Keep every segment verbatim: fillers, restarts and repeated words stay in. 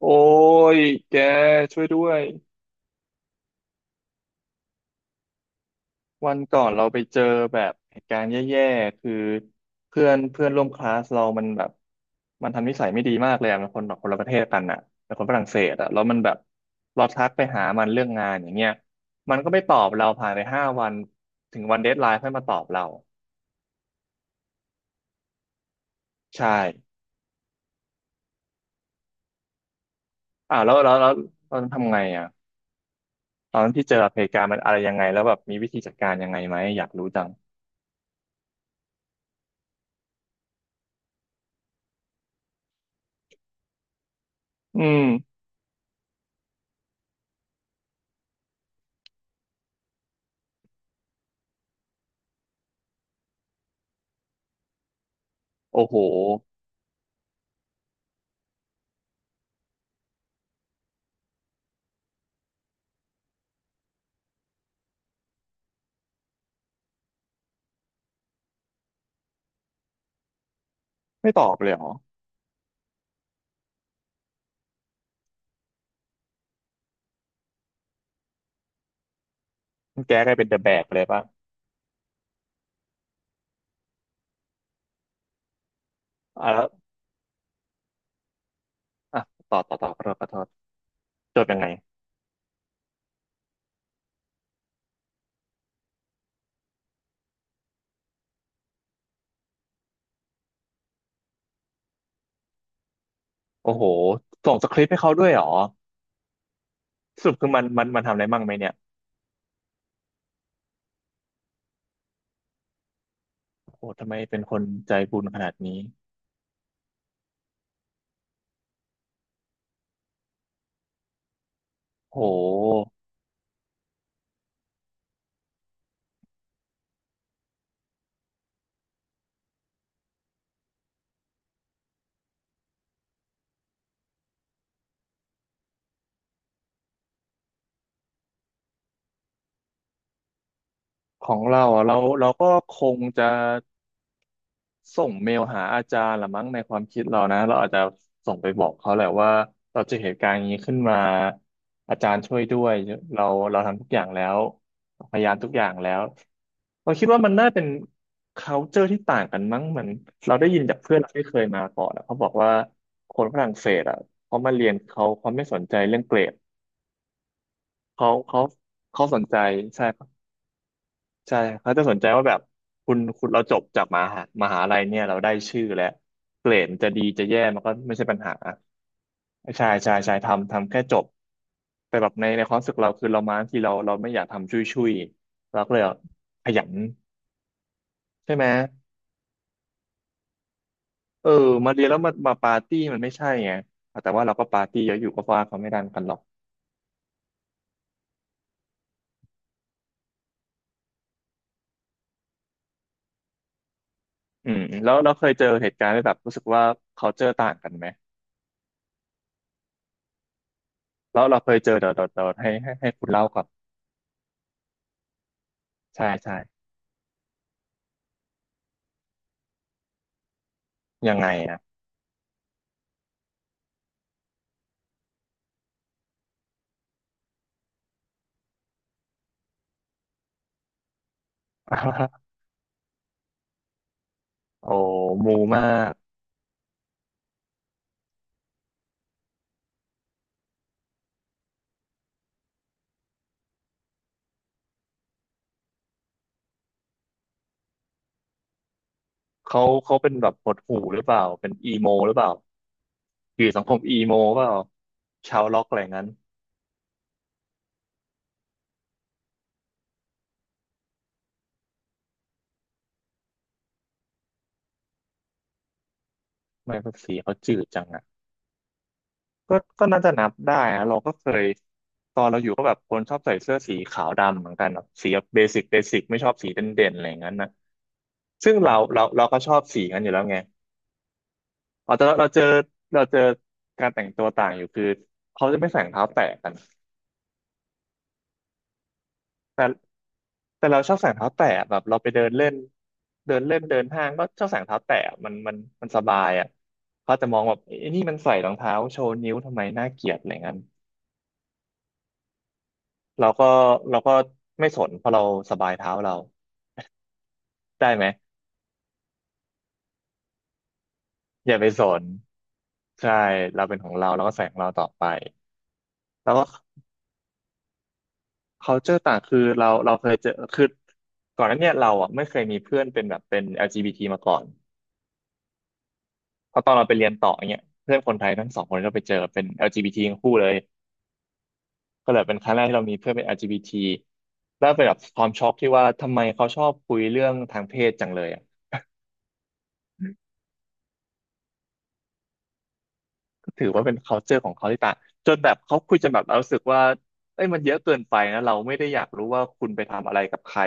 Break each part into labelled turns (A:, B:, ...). A: โอ้ยแกช่วยด้วยวันก่อนเราไปเจอแบบเหตุการณ์แย่ๆคือเพื่อนเพื่อนร่วมคลาสเรามันแบบมันทำนิสัยไม่ดีมากเลยอะมันคนแบบคนละประเทศกันอ่ะเป็นคนฝรั่งเศสอะแล้วมันแบบเราทักไปหามันเรื่องงานอย่างเงี้ยมันก็ไม่ตอบเราผ่านไปห้าวันถึงวันเดดไลน์ค่อยมาตอบเราใช่อ่าวแล้วแล้วแล้วตอนทำไงอ่ะตอนที่เจอเหตุการณ์มันอะไรยังไงแล้วแบบมีวิธีจัดการยังไงไหมอยากรู้จังอืมโอ้โหไม่ตอบเลยเหรอ แจ๊กกลายเป็นเดอะแบกเลยป่ะอ่ะแล้วอ่ะต่อต่อต่อขอโทษขอโทษจดยังไง โอ้โห ส่งสคริปต์ให้เขาด้วยเหรอสรุปคือมันมันมันทำอะไรมั่งไหมเนี่ย โอ้โหทำไมเป็นคนใจบุญขนาดนี้ โอ้โหของเราอ่ะ เราเราก็คงจะ ส่งเมลหาอาจารย์ละมั้งในความคิดเรานะเราอาจจะส่งไปบอกเขาแหละว่าเราเจอเหตุการณ์อย่างนี้ขึ้นมาอาจารย์ช่วยด้วยเราเราทำทุกอย่างแล้วพยายามทุกอย่างแล้วเราคิดว่ามันน่าเป็น culture ที่ต่างกันมั้งเหมือนเราได้ยินจากเพื่อนเราที่เคยมาก่อนอะเขาบอกว่าคนฝรั่งเศสอ่ะเขามาเรียนเขาเขาไม่สนใจเรื่องเกรดเขาเขาเขาสนใจใช่ ใช่เขาจะสนใจว่าแบบคุณคุณเราจบจากมหามหาลัยเนี่ยเราได้ชื่อแล้วเกรดจะดีจะแย่มันก็ไม่ใช่ปัญหาใช่ใช่ใช่ทำทำแค่จบแต่แบบในในความรู้สึกเราคือเรามาที่เราเราไม่อยากทำชุยชุยเราก็เลยขยันใช่ไหมเออมาเรียนแล้วมามาปาร์ตี้มันไม่ใช่ไงแต่ว่าเราก็ปาร์ตี้เยอะอยู่ก็ว่าเขาไม่ดันกันหรอกอืมแล้วเราเคยเจอเหตุการณ์ที่แบบรู้สึกว่าเขาเจอต่างกันไหมแล้วเราเคยเจอเดี๋ยวเดี๋ยวเดี๋ยวให้ให้ให้คุณเล่าก่อนใช่ใช่ยังไงอ่ะ โอ้มูมากเขาเขาเป็นแบบหดหู่หรือเปล่าเป็นอีโมหรือเปล่าอยู่สังคมอีโมเปล่าชาวล็อกอะไรงั้นทำไม่ภาษีเขาจืดจังอ่ะก็ก็น่าจะนับได้นะเราก็เคยตอนเราอยู่ก็แบบคนชอบใส่เสื้อสีขาวดำเหมือนกันแบบสีเบสิกเบสิกไม่ชอบสีเด่นๆอะไรอย่างนั้นนะซึ่งเราเราเราก็ชอบสีกันอยู่แล้วไงเอาแต่เราเราเจอเราเจอการแต่งตัวต่างอยู่คือเขาจะไม่ใส่รองเท้าแตะกันแต่ แต่เราชอบใส่รองเท้าแตะแบบเราไปเดินเล่นเดินเล่นเดินห้างก็ชอบใส่รองเท้าแตะมันมันมันสบายอ่ะเขาจะมองแบบไอ้นี่มันใส่รองเท้าโชว์นิ้วทำไมน่าเกลียดอะไรเงี้ยเราก็เราก็ไม่สนเพราะเราสบายเท้าเราได้ไหมอย่าไปสนใช่เราเป็นของเราเราก็ใส่ของเราต่อไปแล้วก็ culture ต่างคือเราเราเคยเจอคือก่อนหน้าเนี้เราอ่ะไม่เคยมีเพื่อนเป็นแบบเป็น แอล จี บี ที มาก่อนเพราะตอนเราไปเรียนต่อเนี้ยเพื่อนคนไทยทั้งสองคนก็ไปเจอเป็น แอล จี บี ที ททั้งคู่เลย ก็เลยเป็นครั้งแรกที่เรามีเพื่อนเป็น แอล จี บี ที แล้วเป็นแบบความช็อกที่ว่าทำไมเขาชอบคุยเรื่องทางเพศจังเลยอ่ะก็ถือว่าเป็น culture ของเขาที่ต่างจนแบบเขาคุยจนแบบเรารู้สึกว่าเอ้ยมันเยอะเกินไปนะเราไม่ได้อยากรู้ว่าคุณไปทำอะไรกับใคร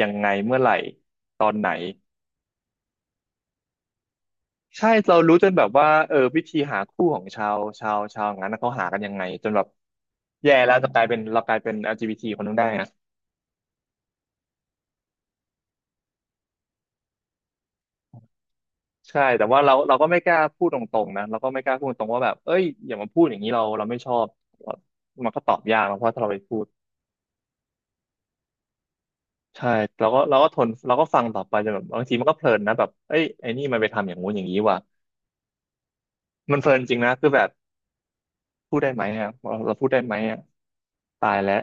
A: ยังไงเมื่อไหร่ตอนไหนใช่เรารู้จนแบบว่าเออวิธีหาคู่ของชาวชาวชาวงั้นนะเขาหากันยังไงจนแบบแย่แล้วจะกลายเป็นเรากลายเป็น แอล จี บี ที คนนึงได้นะ ใช่แต่ว่าเราเราก็ไม่กล้าพูดตรงๆนะเราก็ไม่กล้าพูดตรงว่าแบบเอ้ยอย่ามาพูดอย่างนี้เราเราไม่ชอบมันก็ตอบยากนะเพราะถ้าเราไปพูดใช่เราก็เราก็ทนเราก็ฟังต่อไปจนแบบบางทีมันก็เพลินนะแบบเอ้ยไอ้นี่มันไปทำอย่างงู้นอย่างนี้ว่ะมันเพลินจริงนะคือแบบพูดได้ไหมอ่ะเราเราพูดได้ไหมอ่ะตายแล้ว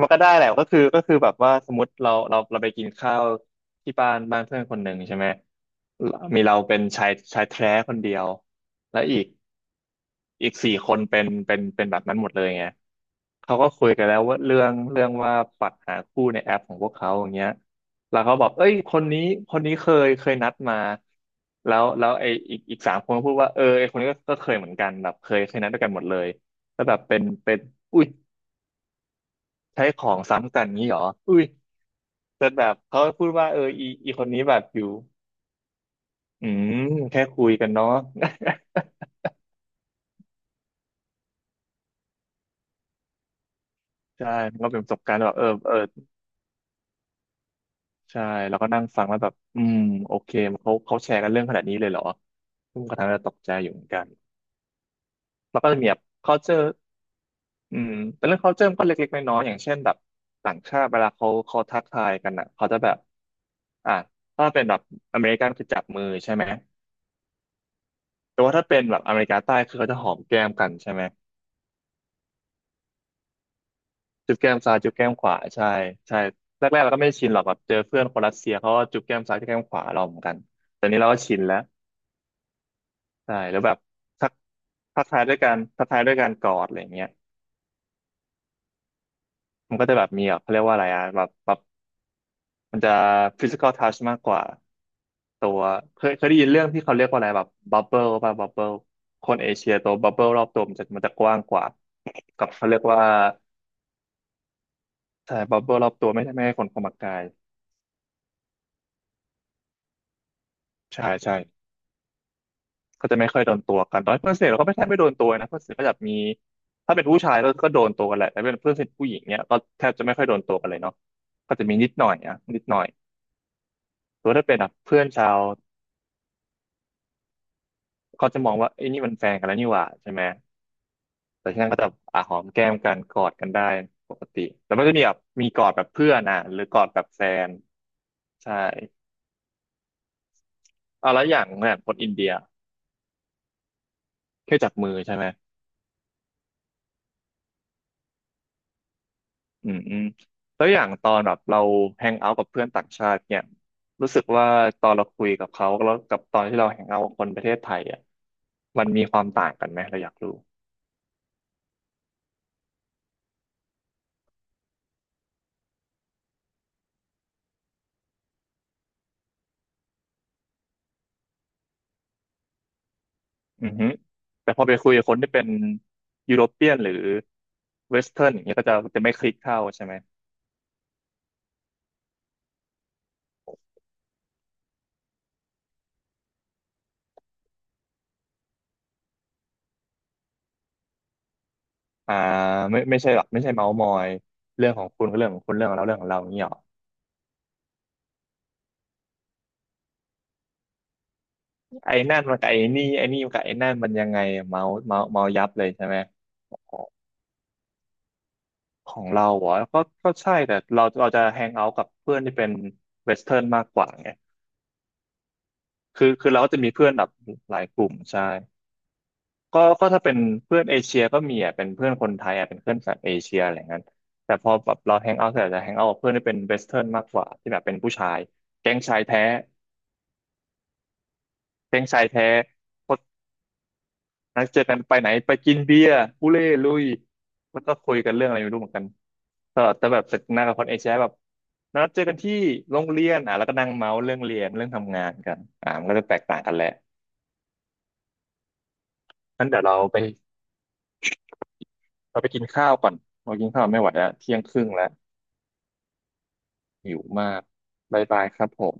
A: มันก็ได้แหละก็คือก็คือแบบว่าสมมติเราเราเราไปกินข้าวที่บ้านบ้านเพื่อนคนหนึ่งใช่ไหมมีเราเป็นชายชายแท้คนเดียวและอีก อีกสี่คนเป็นเป็นเป็นแบบนั้นหมดเลยไงเขาก็คุยกันแล้วว่าเรื่องเรื่องว่าปัดหาคู่ในแอปของพวกเขาอย่างเงี้ยแล้วเขาบอกเอ้ยคนนี้คนนี้เคยเคยนัดมา แล้วแล้วไออีกอีกสามคนก็พูดว่าเออไอคนนี้ก็ก็เคยเหมือนกันแบบเคยเคยนัดด้วยกันหมดเลยแล้วแบบเป็นเป็นอุ้ยใช้ของซ้ำกันงี้เหรออุ้ยแต่แบบเขาพูดว่าเอออีอีคนนี้แบบอยู่อืมแค่คุยกันเนาะ ใช่มันก็เป็นประสบการณ์แบบเออเออ ใช่แล้วก็นั่งฟังแล้วแบบอืมโอเคเขาเขาแชร์กันเรื่องขนาดนี้เลยเหรอซึ่งก็ทำให้เราตกใจอยู่เหมือนกันแล้วก็จะมีแบบ culture อืมเป็นเรื่อง culture มันก็เล็กๆน้อยๆอย่างเช่นแบบต่างชาติเวลาเขาเขาทักทายกันอ่ะเขาจะแบบอ่ะถ้าเป็นแบบอเมริกันคือจับมือใช่ไหมแต่ว่าถ้าเป็นแบบอเมริกาใต้คือเขาจะหอมแก้มกันใช่ไหมจุ๊บแก้มซ้ายจุ๊บแก้มขวาใช่ใช่แรกๆเราก็ไม่ชินหรอกแบบเจอเพื่อนคนรัสเซียเขาก็จุ๊บแก้มซ้ายจุ๊บแก้มขวาเราเหมือนกันแต่นี้เราก็ชินแล้ว ใช่แล้วแบบทักทักทายด้วยการทักทายด้วยการกอดอะไรอย่างเงี้ยมันก็จะแบบมีแบบเขาเรียกว่าอะไรอะแบบแบบมันจะ physical touch มากกว่าตัวเคยเคยได้ยินเรื่องที่เขาเรียกว่าอะไรแบบ bubble ป่ะ bubble คนเอเชียตัว bubble รอบตัวมันจะมันจะกว้างกว่ากับเขาเรียกว่าใช่ bubble รอบตัวไม่ใช่ไม่ให้คนเข้ามาใกล้ใช่ใช่ ก็จะไม่ค่อยโดนตัวกันตอนเพื่อนสนิทเราก็ไม่แทบไม่โดนตัวนะเพื่อนสนิทก็จะมีถ้าเป็นผู้ชายก็ก็โดนตัวกันแหละแต่เป็นเพื่อนสนิทผู้หญิงเนี่ยก็แทบจะไม่ค่อยโดนตัวกันเลยเนาะก็จะมีนิดหน่อยอะนิดหน่อยแต่ว่าถ้าเป็นแบบเพื่อนชาวก็จะมองว่าไอ้ยนี่มันแฟนกันแล้วนี่หว่าใช่ไหมแต่ที่นั่นก็จะอ่ะหอมแก้มกันกอดกันได้ปกติแต่ไม่ได้มีแบบมีกอดแบบเพื่อนอ่ะหรือกอดแบบแฟนใช่เอาแล้วอย่างเนี่ยคนอินเดียแค่จับมือใช่ไหม อืมอืมแล้วอย่างตอนแบบเราแฮงเอาท์กับเพื่อนต่างชาติเนี่ยรู้สึกว่าตอนเราคุยกับเขาแล้วกับตอนที่เราแฮงเอาท์กับคนประเทศไทยอ่ะมันมีความต่างกันไหมเราอยากรู้อือฮึแต่พอไปคุยกับคนที่เป็นยุโรเปียนหรือเวสเทิร์นอย่างเงี้ยก็จะจะไม่คลิกเข้าใช่ไหมอ่าไม่ไม่ใช่หรอกไม่ใช่เมาส์มอยเรื่องของคุณก็เรื่องของคุณเรื่องของเราเรื่องของเราอย่างเงี้ยหรอไอ้นั่นมันกับไอ้นี่ไอ้นี่มันกับไอ้นั่นมันยังไงเมาส์เมาส์เมายับเลยใช่ไหม ของเราเหรอก็ก็ใช่แต่เราเราจะแฮงเอาท์กับเพื่อนที่เป็นเวสเทิร์นมากกว่าไงคือคือเราก็จะมีเพื่อนแบบหลายกลุ่มใช่ก็ก็ถ้าเป็นเพื่อนเอเชียก็มีอ่ะเป็นเพื่อนคนไทยอ่ะเป็นเพื่อนแบบเอเชียอะไรเงี้ยแต่พอแบบเราแฮงเอาท์เสร็จจะแฮงเอาท์กับเพื่อนที่เป็นเวสเทิร์นมากกว่าที่แบบเป็นผู้ชายแก๊งชายแท้แก๊งชายแท้ นัดเจอกันไปไหนไปกินเบียร์อุเล่ลุยแล้วก็คุยกันเรื่องอะไรไม่รู้เหมือนกันแต่แต่แบบสนทนากับคนเอเชียแบบนัดเจอกันที่โรงเรียนอ่ะแล้วก็นั่งเมาส์เรื่องเรียนเรื่องทำงานกันอ่ามันก็จะแตกต่างกันแหละงั้นเดี๋ยวเราไปเราไปกินข้าวก่อนเรากินข้าวไม่ไหวแล้วเที่ยงครึ่งแล้วหิวมากบายบายครับผม